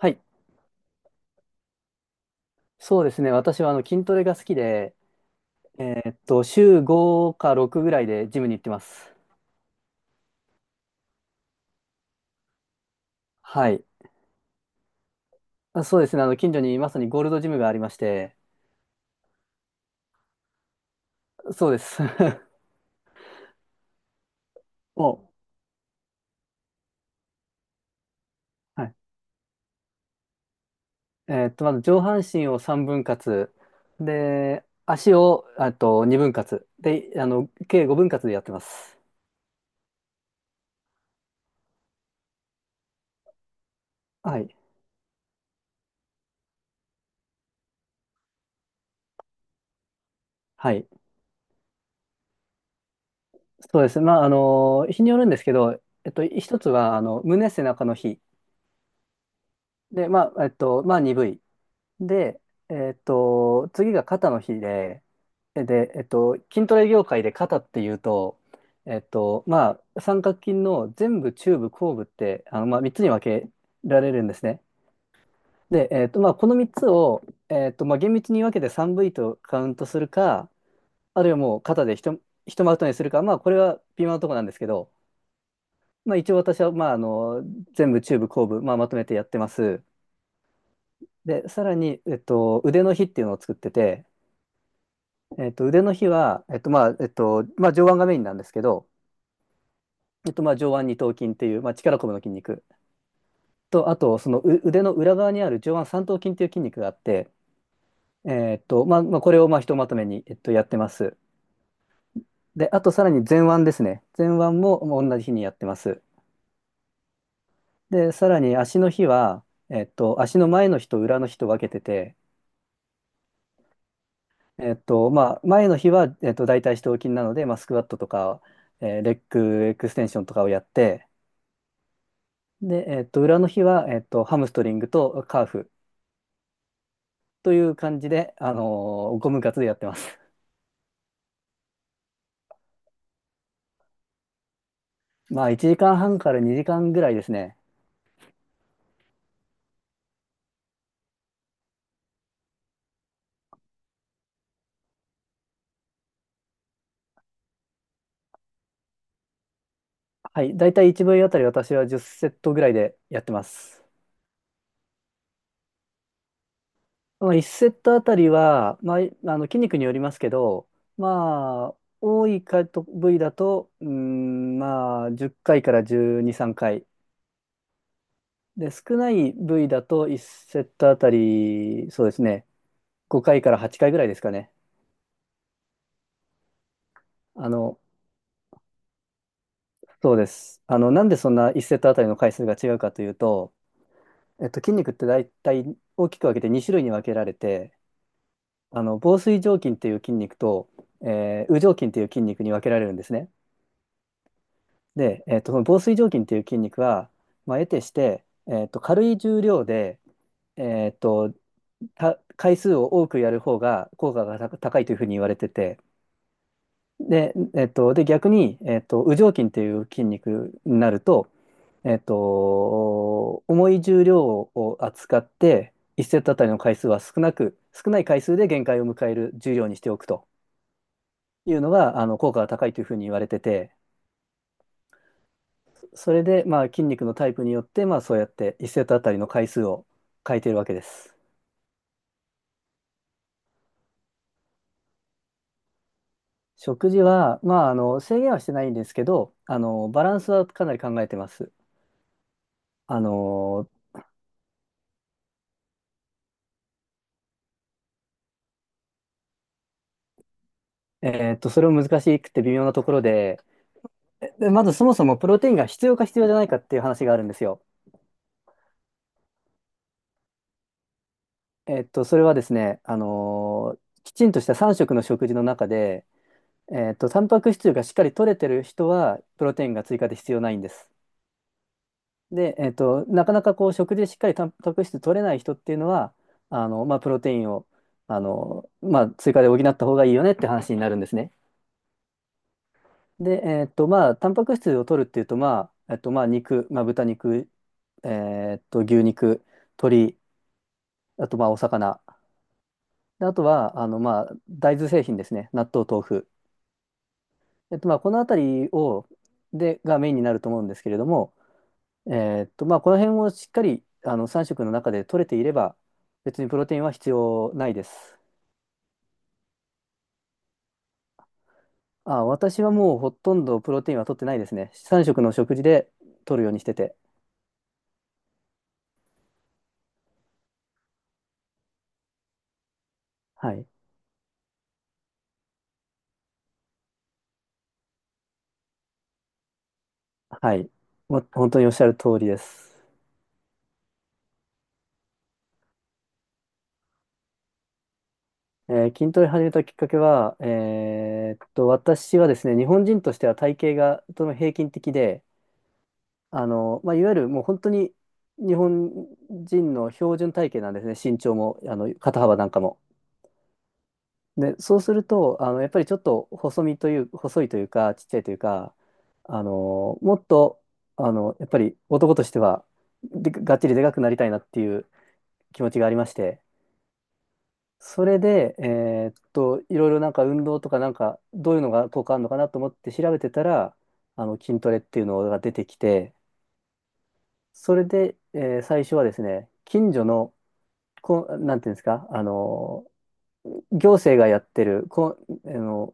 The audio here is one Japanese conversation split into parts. はい。そうですね。私は筋トレが好きで、え週5か6ぐらいでジムに行ってます。はい。あ、そうですね。近所にまさにゴールドジムがありまして、そうです。もう、はい。まず上半身を3分割、で、足を、あと2分割、で、計5分割でやってます。はい。はい。そうですね。日によるんですけど、一つは、胸背中の日。で、鈍い。で、次が肩の日で、筋トレ業界で肩っていうと、三角筋の全部、中部、後部って、3つに分けられるんですね。で、この3つを、厳密に分けて 3V とカウントするか、あるいはもう肩でひとまとめにするか、これは微妙なところなんですけど、一応私は、全部、中部、後部、まとめてやってます。で、さらに、腕の日っていうのを作ってて、腕の日は、上腕がメインなんですけど、上腕二頭筋っていう、力こぶの筋肉と、あと、そのう腕の裏側にある上腕三頭筋っていう筋肉があって、これを、ひとまとめに、やってます。で、あと、さらに前腕ですね。前腕も同じ日にやってます。で、さらに足の日は、足の前の日と裏の日と分けてて、前の日は、大腿四頭筋なので、スクワットとか、レッグエクステンションとかをやって、で、裏の日は、ハムストリングとカーフという感じで、ゴム活でやってます。1時間半から2時間ぐらいですね。はい。だいたい1部位あたり私は10セットぐらいでやってます。1セットあたりは、筋肉によりますけど、まあ、多いかと部位だと、10回から12、3回。で、少ない部位だと1セットあたり、そうですね、5回から8回ぐらいですかね。あの、そうです。なんでそんな1セットあたりの回数が違うかというと、筋肉って大体大きく分けて2種類に分けられて、紡錘状筋っていう筋肉と、羽状筋っていう筋肉に分けられるんですね。で、その紡錘状筋っていう筋肉は、得てして、軽い重量で、えっと、た回数を多くやる方が効果が高いというふうに言われてて、で、逆に、羽状筋っていう筋肉になると、重い重量を扱って、1セットあたりの回数は少なく、少ない回数で限界を迎える重量にしておくというのが、効果が高いというふうに言われてて、それで、筋肉のタイプによって、そうやって1セットあたりの回数を変えているわけです。食事は、制限はしてないんですけど、バランスはかなり考えてます。あの、それも難しくて微妙なところで、でまずそもそもプロテインが必要か必要じゃないかっていう話があるんですよ。それはですね、きちんとした3食の食事の中で、タンパク質がしっかり取れてる人は、プロテインが追加で必要ないんです。で、なかなかこう、食事でしっかりタンパク質取れない人っていうのは、プロテインを、追加で補った方がいいよねって話になるんですね。で、タンパク質を取るっていうと、肉、豚肉、牛肉、鶏、あと、お魚。であとは、大豆製品ですね。納豆、豆腐。このあたりを、で、がメインになると思うんですけれども、この辺をしっかり、3食の中で取れていれば、別にプロテインは必要ないです。あ、私はもうほとんどプロテインは取ってないですね。3食の食事で取るようにしてて。はい。はい。も本当におっしゃる通りです。筋トレ始めたきっかけは、私はですね、日本人としては体型がとても平均的で、いわゆるもう本当に日本人の標準体型なんですね、身長も、肩幅なんかも。で、そうすると、やっぱりちょっと細身という、細いというか、ちっちゃいというか、もっと、やっぱり男としては、で、がっちりでかくなりたいなっていう気持ちがありまして、それで、いろいろなんか運動とかなんか、どういうのが効果あるのかなと思って調べてたら、筋トレっていうのが出てきて、それで、最初はですね、近所の、こう、なんていうんですか、行政がやってる、こう、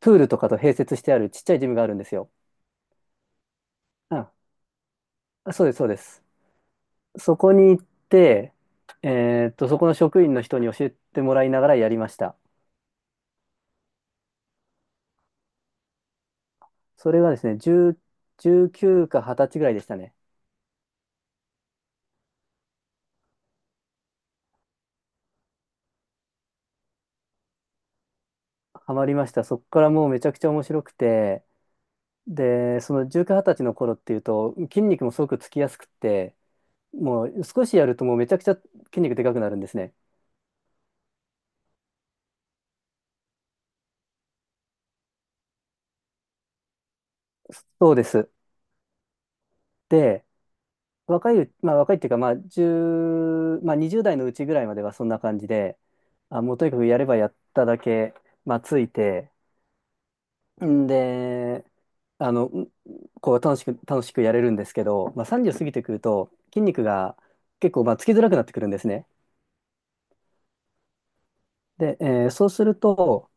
プールとかと併設してあるちっちゃいジムがあるんですよ。あ、そうです、そうです。そこに行って、そこの職員の人に教えてもらいながらやりました。それがですね、10、19か20歳ぐらいでしたね。ハマりました。そこからもうめちゃくちゃ面白くて、で、その19、20歳の頃っていうと、筋肉もすごくつきやすくって、もう少しやるともうめちゃくちゃ筋肉でかくなるんですね。そうです。で、若いっていうか、まあ1まあ20代のうちぐらいまではそんな感じで、あ、もうとにかくやればやっただけ、ついて、んで、あの、んこう楽しくやれるんですけど、30過ぎてくると筋肉が結構つきづらくなってくるんですね。で、そうすると、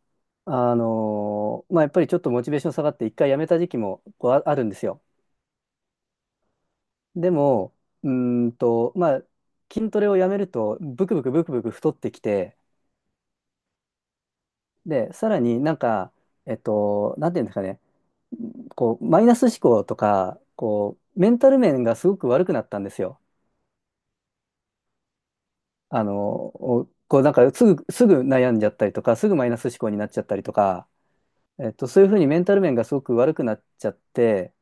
やっぱりちょっとモチベーション下がって一回やめた時期もこうああるんですよ。でも、うーんと、まあ、筋トレをやめると、ブクブクブクブク太ってきて、で、さらになんか、なんていうんですかね、こう、マイナス思考とか、こう、メンタル面がすごく悪くなったんですよ。あの、おこう、なんか、すぐ悩んじゃったりとか、すぐマイナス思考になっちゃったりとか、そういうふうにメンタル面がすごく悪くなっちゃって、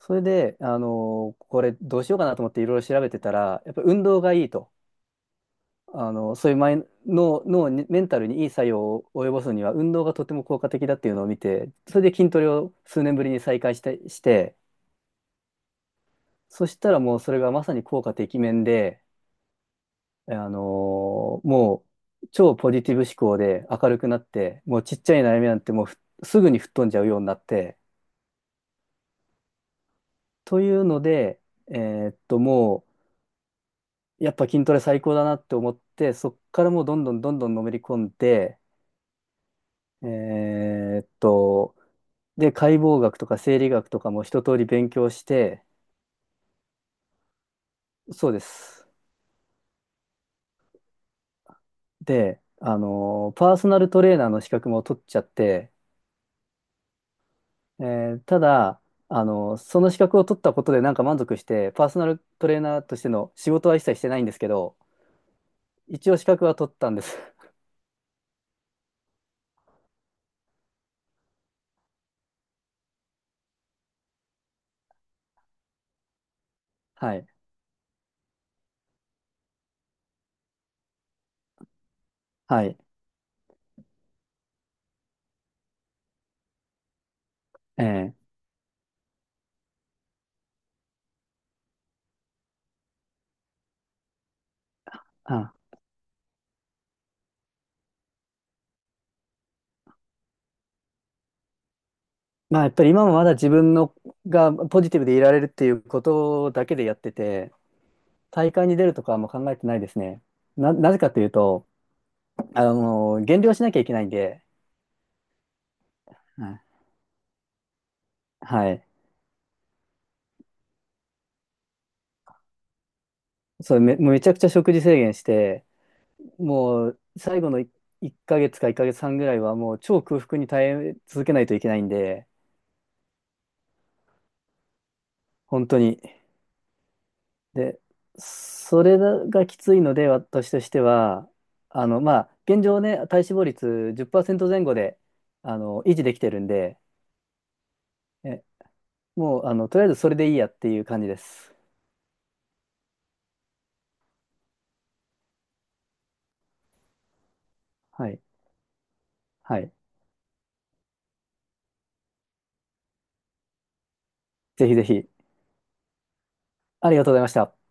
それで、これどうしようかなと思っていろいろ調べてたら、やっぱ運動がいいと。そういうマイ脳、脳、に、メンタルにいい作用を及ぼすには運動がとても効果的だっていうのを見て、それで筋トレを数年ぶりに再開して、そしたらもうそれがまさに効果てきめんで、あのもう超ポジティブ思考で明るくなって、もうちっちゃい悩みなんてもうすぐに吹っ飛んじゃうようになって、というので、もうやっぱ筋トレ最高だなって思って、そっからもうどんどんどんどんのめり込んで、えーっと、で、解剖学とか生理学とかも一通り勉強して、そうです。で、パーソナルトレーナーの資格も取っちゃって、ただ、その資格を取ったことでなんか満足して、パーソナルトレーナーとしての仕事は一切してないんですけど、一応資格は取ったんです。はい。はい。えーあ、やっぱり今もまだ自分のがポジティブでいられるっていうことだけでやってて、大会に出るとかはもう考えてないですね。なぜかというと、減量しなきゃいけないんで、はい。はい。それめ、もうめちゃくちゃ食事制限して、もう最後の1ヶ月か1ヶ月半ぐらいはもう超空腹に耐え続けないといけないんで、本当に。で、それがきついので、私としては、現状ね、体脂肪率10%前後で、維持できてるんで、え、もう、とりあえずそれでいいやっていう感じです。はい。はい。ぜひぜひ。ありがとうございました。